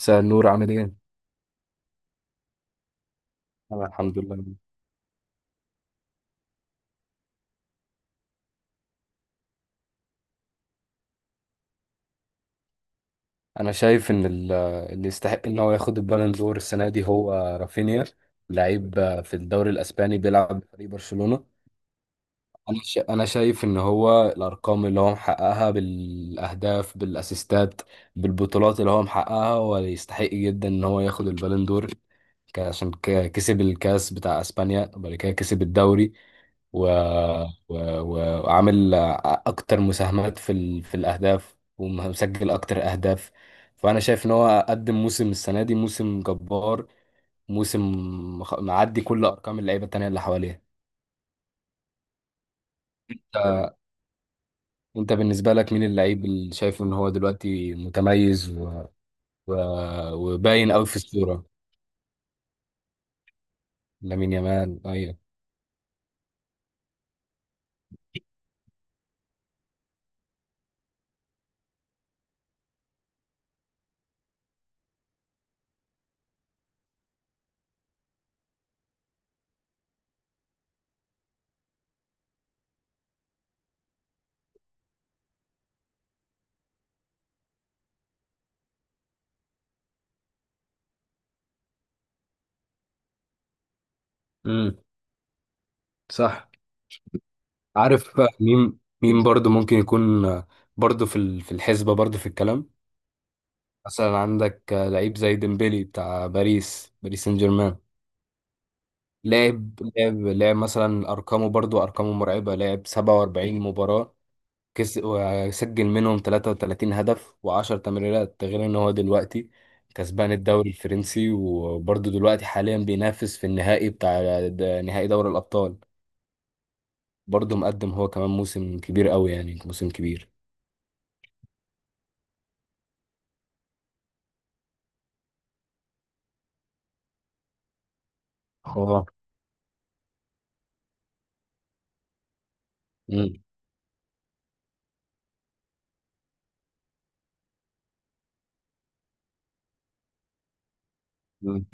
مساء النور، عامل ايه؟ انا الحمد لله. انا شايف ان ال- اللي يستحق ان هو ياخد البالون دور السنه دي هو رافينيا، لعيب في الدوري الاسباني بيلعب في فريق برشلونه. انا شايف ان هو الارقام اللي هو محققها بالاهداف، بالاسيستات، بالبطولات اللي هو محققها، هو يستحق جدا ان هو ياخد البالون دور. عشان كسب الكاس بتاع اسبانيا وبعد كده كسب الدوري، وعامل اكتر مساهمات في الاهداف، ومسجل اكتر اهداف. فانا شايف ان هو قدم موسم السنه دي موسم جبار، موسم معدي كل ارقام اللعيبه التانيه اللي حواليه. انت بالنسبة لك مين اللعيب اللي شايفه ان هو دلوقتي متميز و... وباين قوي في الصورة؟ لامين يامال، ايوه. امم، صح. عارف مين مين برضو ممكن يكون برضو في الحسبة، برضو في الكلام؟ مثلا عندك لعيب زي ديمبلي بتاع باريس سان جيرمان. لاعب مثلا ارقامه، برضو ارقامه مرعبة. لاعب 47 مباراة وسجل منهم 33 هدف و10 تمريرات. ده غير ان هو دلوقتي كسبان الدوري الفرنسي، وبرضه دلوقتي حاليا بينافس في النهائي بتاع نهائي دوري الأبطال. برضه مقدم هو كمان موسم كبير قوي، يعني موسم كبير. اه. مم. مم.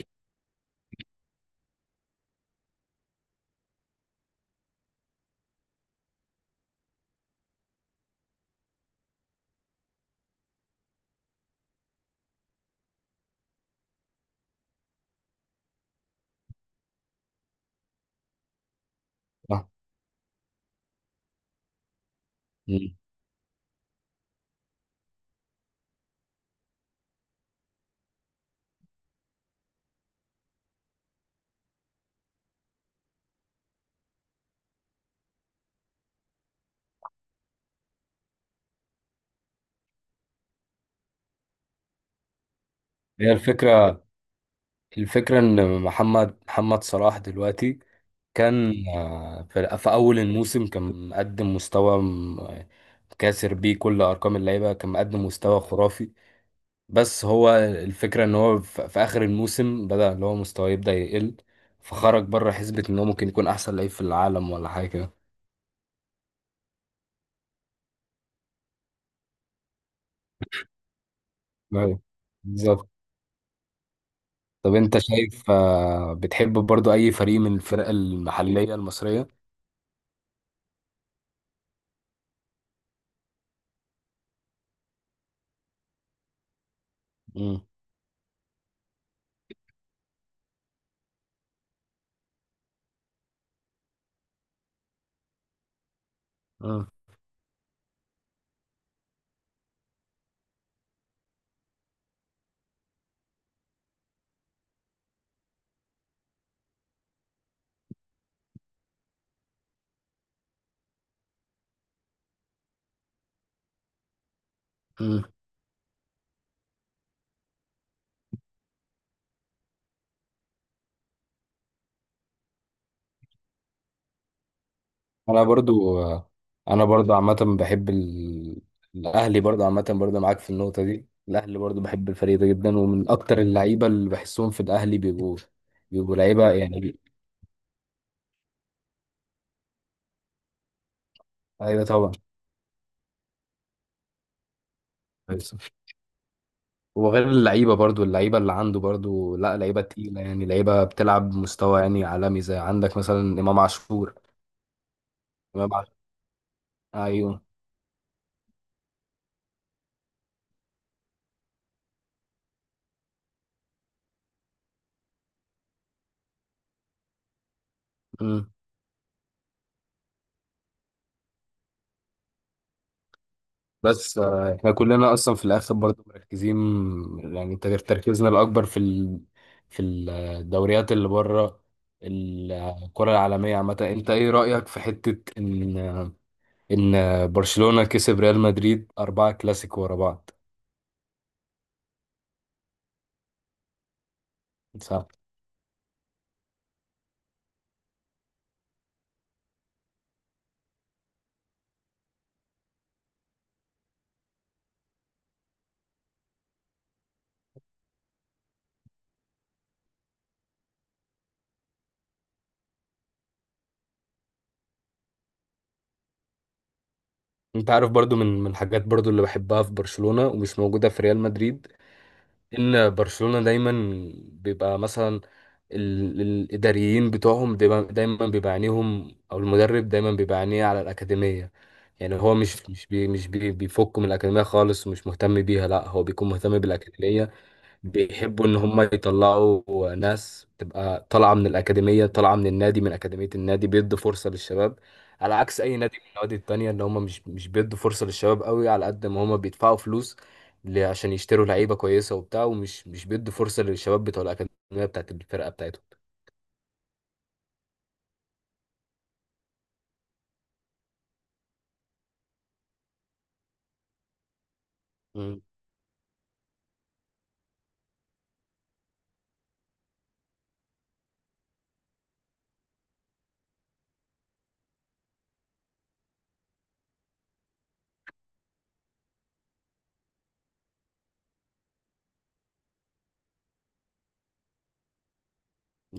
آه. مم. هي الفكرة، الفكرة إن محمد صلاح دلوقتي كان، في أول الموسم، كان مقدم مستوى كاسر بيه كل أرقام اللعيبة، كان مقدم مستوى خرافي. بس هو الفكرة ان هو في اخر الموسم بدأ اللي هو مستواه يبدأ يقل، فخرج بره حسبة ان هو ممكن يكون احسن لعيب في العالم ولا حاجة كده. أيوة، بالظبط. طب انت شايف، بتحب برضو اي فريق من الفرق المحلية المصرية؟ مم. مم. مم. انا برضو، انا برضو عامة بحب الاهلي، برضو عامة برضو معاك في النقطة دي. الاهلي برضو، بحب الفريق ده جدا، ومن اكتر اللعيبة اللي بحسهم في الاهلي بيبقوا، بيبقوا لعيبة يعني. ايوه طبعا. وغير اللعيبة، برضو اللعيبة اللي عنده برضو، لا لعيبة تقيلة يعني، لعيبة بتلعب بمستوى يعني عالمي، زي عندك مثلا إمام عاشور، إمام عاشور. أيوه. مم. بس إحنا كلنا أصلا في الآخر برضو مركزين، يعني تركيزنا الأكبر في الدوريات اللي بره، الكرة العالمية عامة. أنت إيه رأيك في حتة إن، إن برشلونة كسب ريال مدريد 4 كلاسيكو ورا بعض؟ صح. انت عارف برضو، من من الحاجات برضو اللي بحبها في برشلونة ومش موجودة في ريال مدريد، ان برشلونة دايما بيبقى مثلا الاداريين بتوعهم بيبقى دايما، بيبقى عينيهم، او المدرب دايما بيبقى عينيه على الاكاديمية. يعني هو مش بي مش بي بيفك من الاكاديمية خالص ومش مهتم بيها، لا هو بيكون مهتم بالاكاديمية. بيحبوا ان هم يطلعوا ناس تبقى طالعه من الاكاديميه، طالعه من النادي، من اكاديميه النادي، بيدوا فرصه للشباب، على عكس اي نادي من النوادي التانية اللي هم مش بيدوا فرصه للشباب قوي، على قد ما هم بيدفعوا فلوس عشان يشتروا لعيبه كويسه وبتاع، ومش مش بيدوا فرصه للشباب بتوع الاكاديميه بتاعت الفرقه بتاعتهم. مم.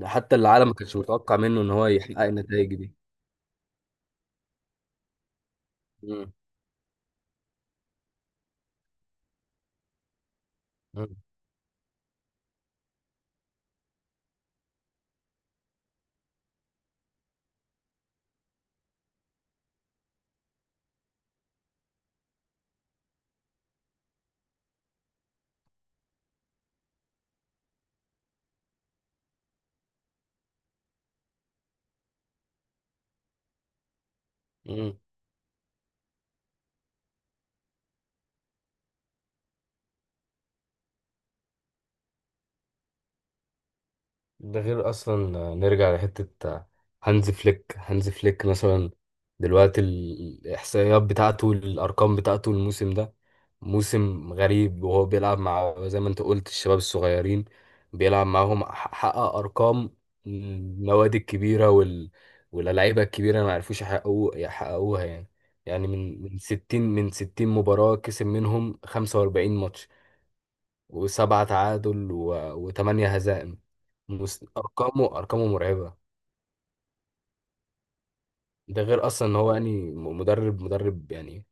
حتى العالم ما كانش متوقع منه ان هو يحقق النتائج دي. مم. مم. ده غير اصلا، نرجع لحته، هانز فليك، مثلا دلوقتي الاحصائيات بتاعته، الارقام بتاعته، الموسم ده موسم غريب، وهو بيلعب مع زي ما انت قلت الشباب الصغيرين، بيلعب معاهم حقق ارقام النوادي الكبيره، واللعيبه الكبيره ما عرفوش يحققوا، يحققوها يعني. يعني من 60 مباراه كسب منهم 45 ماتش، و7 تعادل، و8 هزائم. ارقامه، ارقامه مرعبه. ده غير اصلا ان هو يعني مدرب، مدرب يعني.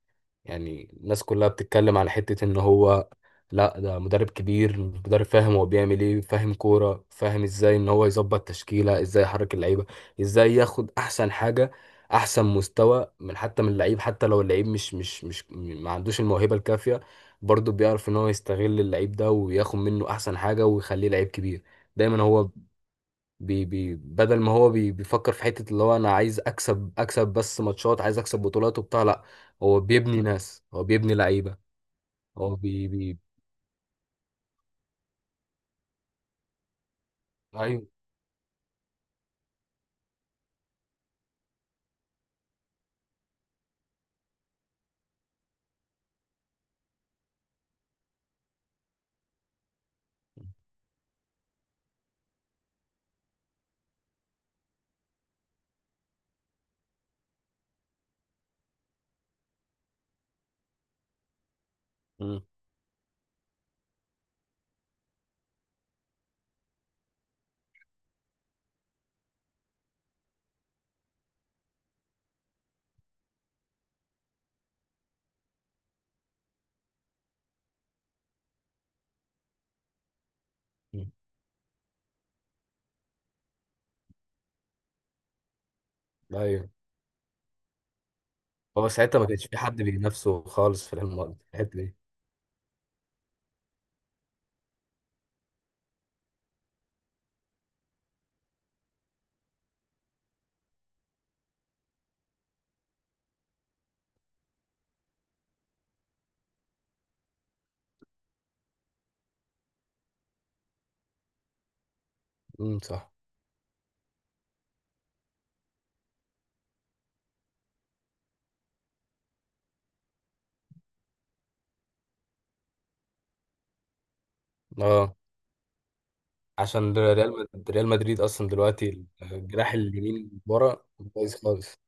يعني الناس كلها بتتكلم على حته ان هو، لا ده مدرب كبير، مدرب فاهم هو بيعمل ايه، فاهم كوره، فاهم ازاي ان هو يظبط تشكيله، ازاي يحرك اللعيبه، ازاي ياخد احسن حاجه، احسن مستوى، من حتى من اللعيب. حتى لو اللعيب مش ما عندوش الموهبه الكافيه، برضه بيعرف ان هو يستغل اللعيب ده وياخد منه احسن حاجه ويخليه لعيب كبير. دايما هو بي بي بدل ما هو بيفكر في حتة اللي هو انا عايز اكسب، اكسب بس ماتشات، عايز اكسب بطولات وبتاع، لا هو بيبني ناس، هو بيبني لعيبة. هو بي بي ايوه. مم. مم. ايوه. هو ساعتها ما كانش في حد بينافسه خالص في الحتة دي. امم، صح. اه. عشان ريال مدريد اصلا دلوقتي الجناح اليمين ورا كويس خالص.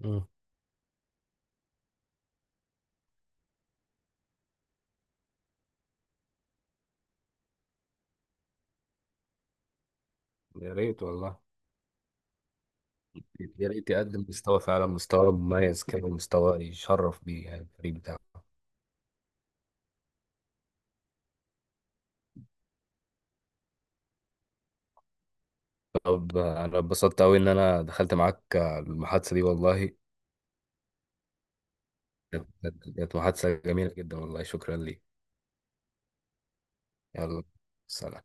مم. يا ريت والله. يا ريت يقدم مستوى فعلا، مستوى مميز كده، مستوى يشرف بيه يعني الفريق بتاعه. طب انا اتبسطت قوي ان انا دخلت معاك المحادثة دي والله. كانت كانت محادثة جميلة جدا والله، شكرا لي. يلا، سلام.